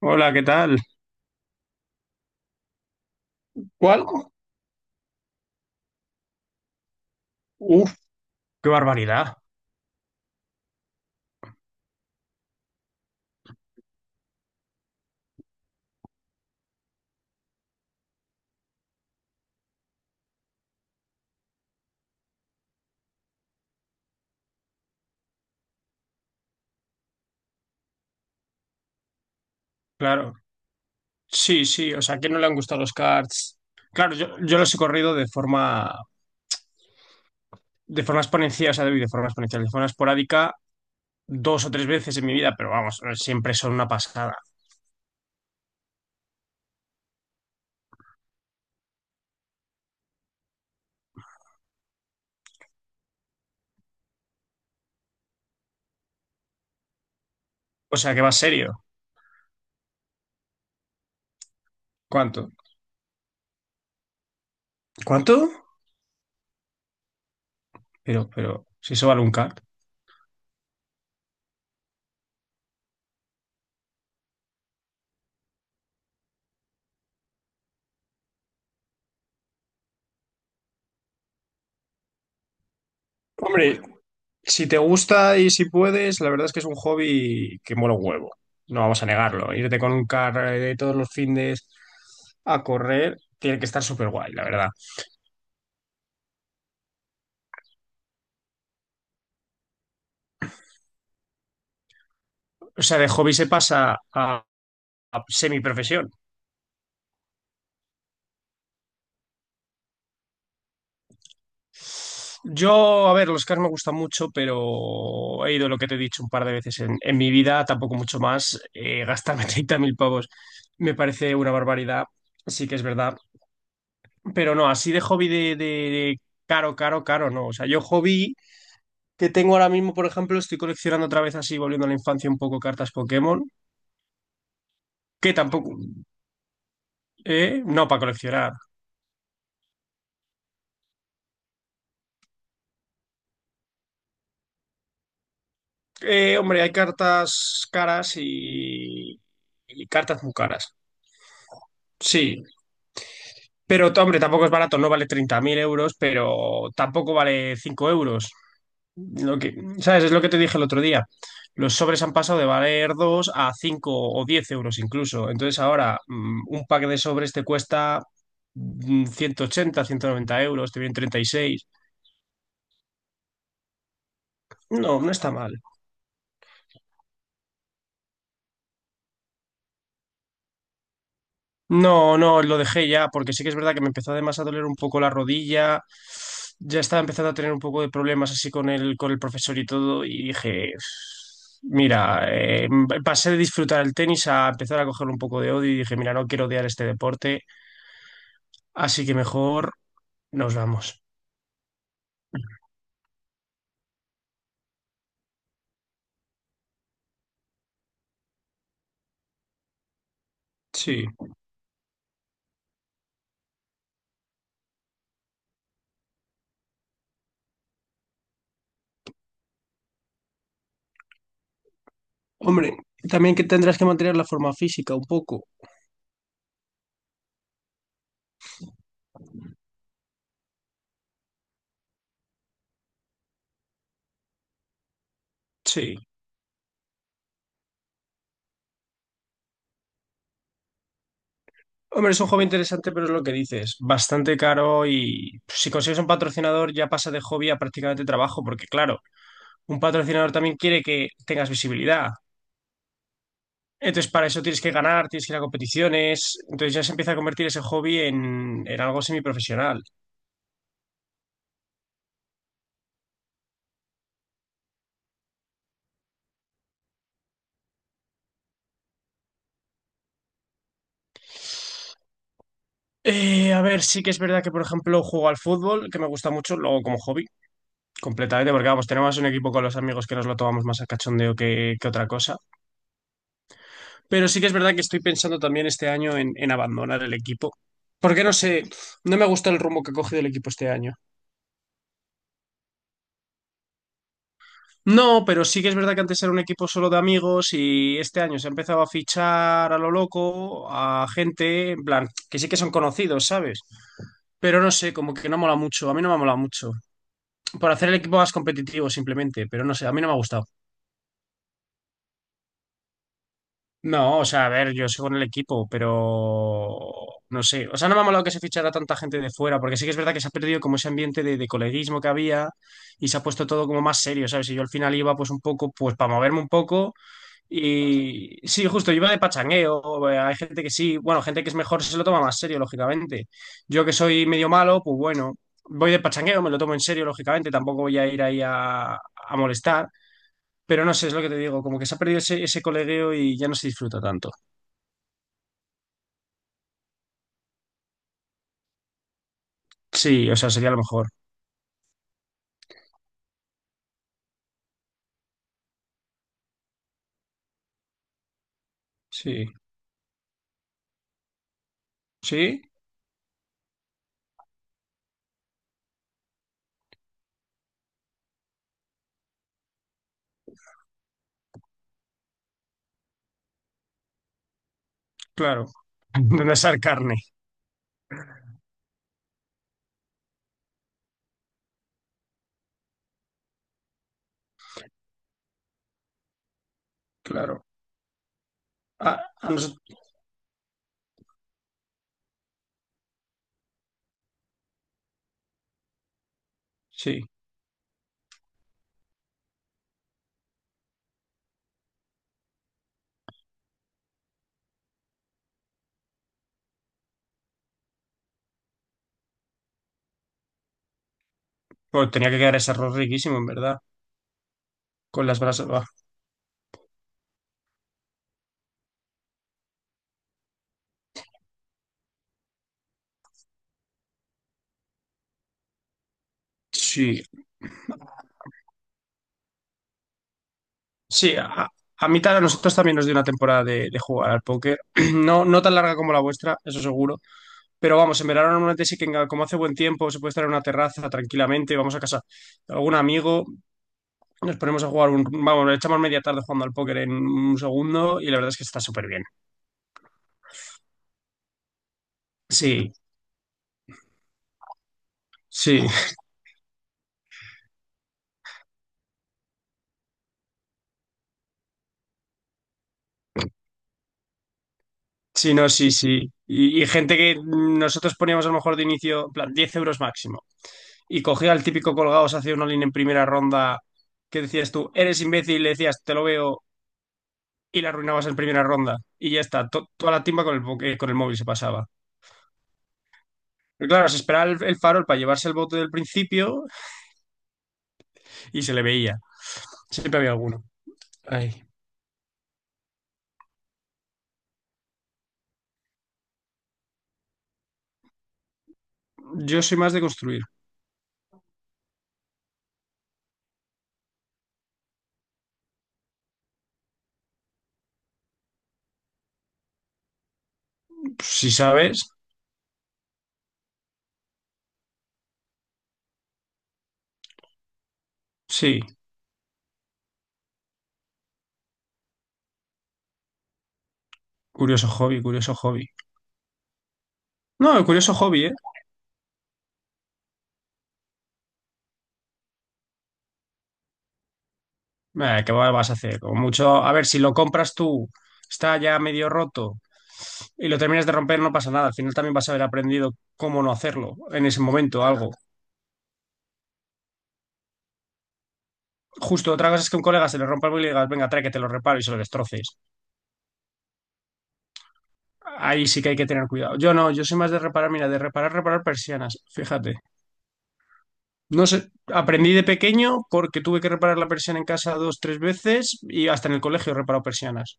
Hola, ¿qué tal? ¿Cuál? Uf. ¡Qué barbaridad! Claro. Sí, sí, o sea, ¿a quién no le han gustado los karts? Claro, yo los he corrido de forma exponencial, o sea, de forma esporádica, dos o tres veces en mi vida, pero vamos, siempre son una pasada. O sea, que va serio. ¿Cuánto? ¿Cuánto? Pero, si eso vale un kart. hombre, Si te gusta y si puedes, la verdad es que es un hobby que mola un huevo. No vamos a negarlo. Irte con un car de todos los findes a correr tiene que estar súper guay, la verdad. O sea, de hobby se pasa a semiprofesión. Yo, a ver, los cars me gustan mucho, pero he ido lo que te he dicho un par de veces en mi vida, tampoco mucho más. Gastarme 30.000 pavos me parece una barbaridad. Sí que es verdad. Pero no, así de hobby de caro, caro, caro, no. O sea, yo, hobby que tengo ahora mismo, por ejemplo, estoy coleccionando otra vez así, volviendo a la infancia un poco, cartas Pokémon, que tampoco, no para coleccionar. Hombre, hay cartas caras y cartas muy caras. Sí, pero hombre, tampoco es barato, no vale 30.000 euros, pero tampoco vale 5 euros. Lo que, ¿sabes? Es lo que te dije el otro día. Los sobres han pasado de valer 2 a 5 o 10 euros incluso. Entonces ahora un pack de sobres te cuesta 180, 190 euros, te vienen 36. No, no está mal. No, no, lo dejé ya porque sí que es verdad que me empezó además a doler un poco la rodilla. Ya estaba empezando a tener un poco de problemas así con el profesor y todo y dije... Mira, pasé de disfrutar el tenis a empezar a coger un poco de odio y dije, mira, no quiero odiar este deporte. Así que mejor nos vamos. Sí. Hombre, también que tendrás que mantener la forma física un poco. Sí. Hombre, es un hobby interesante, pero es lo que dices, bastante caro, y si consigues un patrocinador ya pasa de hobby a prácticamente trabajo, porque claro, un patrocinador también quiere que tengas visibilidad. Entonces, para eso tienes que ganar, tienes que ir a competiciones. Entonces, ya se empieza a convertir ese hobby en algo semiprofesional. A ver, sí que es verdad que, por ejemplo, juego al fútbol, que me gusta mucho, luego como hobby. Completamente, porque vamos, tenemos un equipo con los amigos que nos lo tomamos más a cachondeo que otra cosa. Pero sí que es verdad que estoy pensando también este año en abandonar el equipo. Porque no sé, no me gusta el rumbo que ha cogido el equipo este año. No, pero sí que es verdad que antes era un equipo solo de amigos y este año se ha empezado a fichar a lo loco, a gente, en plan, que sí que son conocidos, ¿sabes? Pero no sé, como que no mola mucho, a mí no me mola mucho. Por hacer el equipo más competitivo simplemente, pero no sé, a mí no me ha gustado. No, o sea, a ver, yo sigo en el equipo, pero no sé. O sea, no me ha molado que se fichara tanta gente de fuera, porque sí que es verdad que se ha perdido como ese ambiente de coleguismo que había y se ha puesto todo como más serio, ¿sabes? Y yo al final iba pues un poco, pues para moverme un poco. Y sí, justo, iba de pachangueo. Hay gente que sí, bueno, gente que es mejor se lo toma más serio, lógicamente. Yo que soy medio malo, pues bueno, voy de pachangueo, me lo tomo en serio, lógicamente, tampoco voy a ir ahí a molestar. Pero no sé, es lo que te digo, como que se ha perdido ese colegueo y ya no se disfruta tanto. Sí, o sea, sería lo mejor. Sí, sí, claro. ¿Dónde sale carne? Claro. Ah, a nosotros, sí, pues tenía que quedar ese arroz riquísimo, en verdad, con las brasas. Buah. Sí. Sí, a mitad a nosotros también nos dio una temporada de jugar al póker. No, no tan larga como la vuestra, eso seguro. Pero vamos, en verano normalmente sí que como hace buen tiempo se puede estar en una terraza tranquilamente, vamos a casa de algún amigo, nos ponemos a jugar un, vamos, echamos media tarde jugando al póker en un segundo y la verdad es que está súper bien. Sí, sí. Sí, no, sí, sí. Y gente que nosotros poníamos a lo mejor de inicio, en plan, 10 euros máximo. Y cogía al típico colgado, se hacía una línea en primera ronda, que decías tú, eres imbécil, y le decías, te lo veo, y la arruinabas en primera ronda. Y ya está, toda la timba con el móvil se pasaba. Pero claro, se esperaba el farol para llevarse el bote del principio y se le veía. Siempre había alguno. Ay. Yo soy más de construir. Si sabes, sí. Curioso hobby, curioso hobby. No, curioso hobby, ¿eh? ¿Qué vas a hacer? Como mucho, a ver, si lo compras tú, está ya medio roto y lo terminas de romper, no pasa nada. Al final también vas a haber aprendido cómo no hacerlo en ese momento, algo. Justo otra cosa es que a un colega se le rompa el móvil y le digas, venga, trae que te lo reparo, y se lo destroces. Ahí sí que hay que tener cuidado. Yo no, yo soy más de reparar, mira, de reparar, reparar persianas, fíjate. No sé, aprendí de pequeño porque tuve que reparar la persiana en casa dos, tres veces y hasta en el colegio he reparado persianas.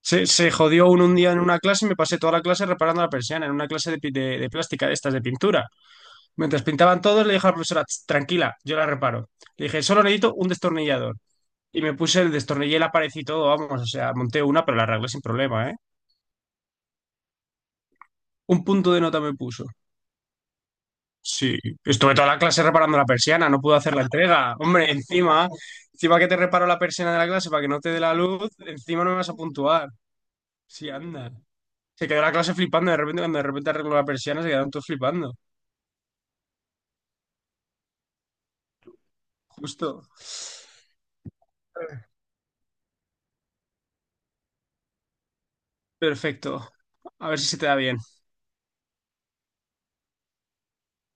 Se jodió un día en una clase y me pasé toda la clase reparando la persiana en una clase de plástica, de estas de pintura. Mientras pintaban todos, le dije a la profesora: "Tss, tranquila, yo la reparo". Le dije, solo necesito un destornillador. Y me puse, el destornillé la pared y todo, vamos, o sea, monté una, pero la arreglé sin problema, ¿eh? Un punto de nota me puso. Sí, estuve toda la clase reparando la persiana, no pude hacer la entrega. Hombre, encima, encima que te reparo la persiana de la clase para que no te dé la luz, encima no me vas a puntuar. Sí, anda. Se quedó la clase flipando, de repente, cuando de repente arregló la persiana, se quedaron todos flipando. Justo. Perfecto. A ver si se te da bien.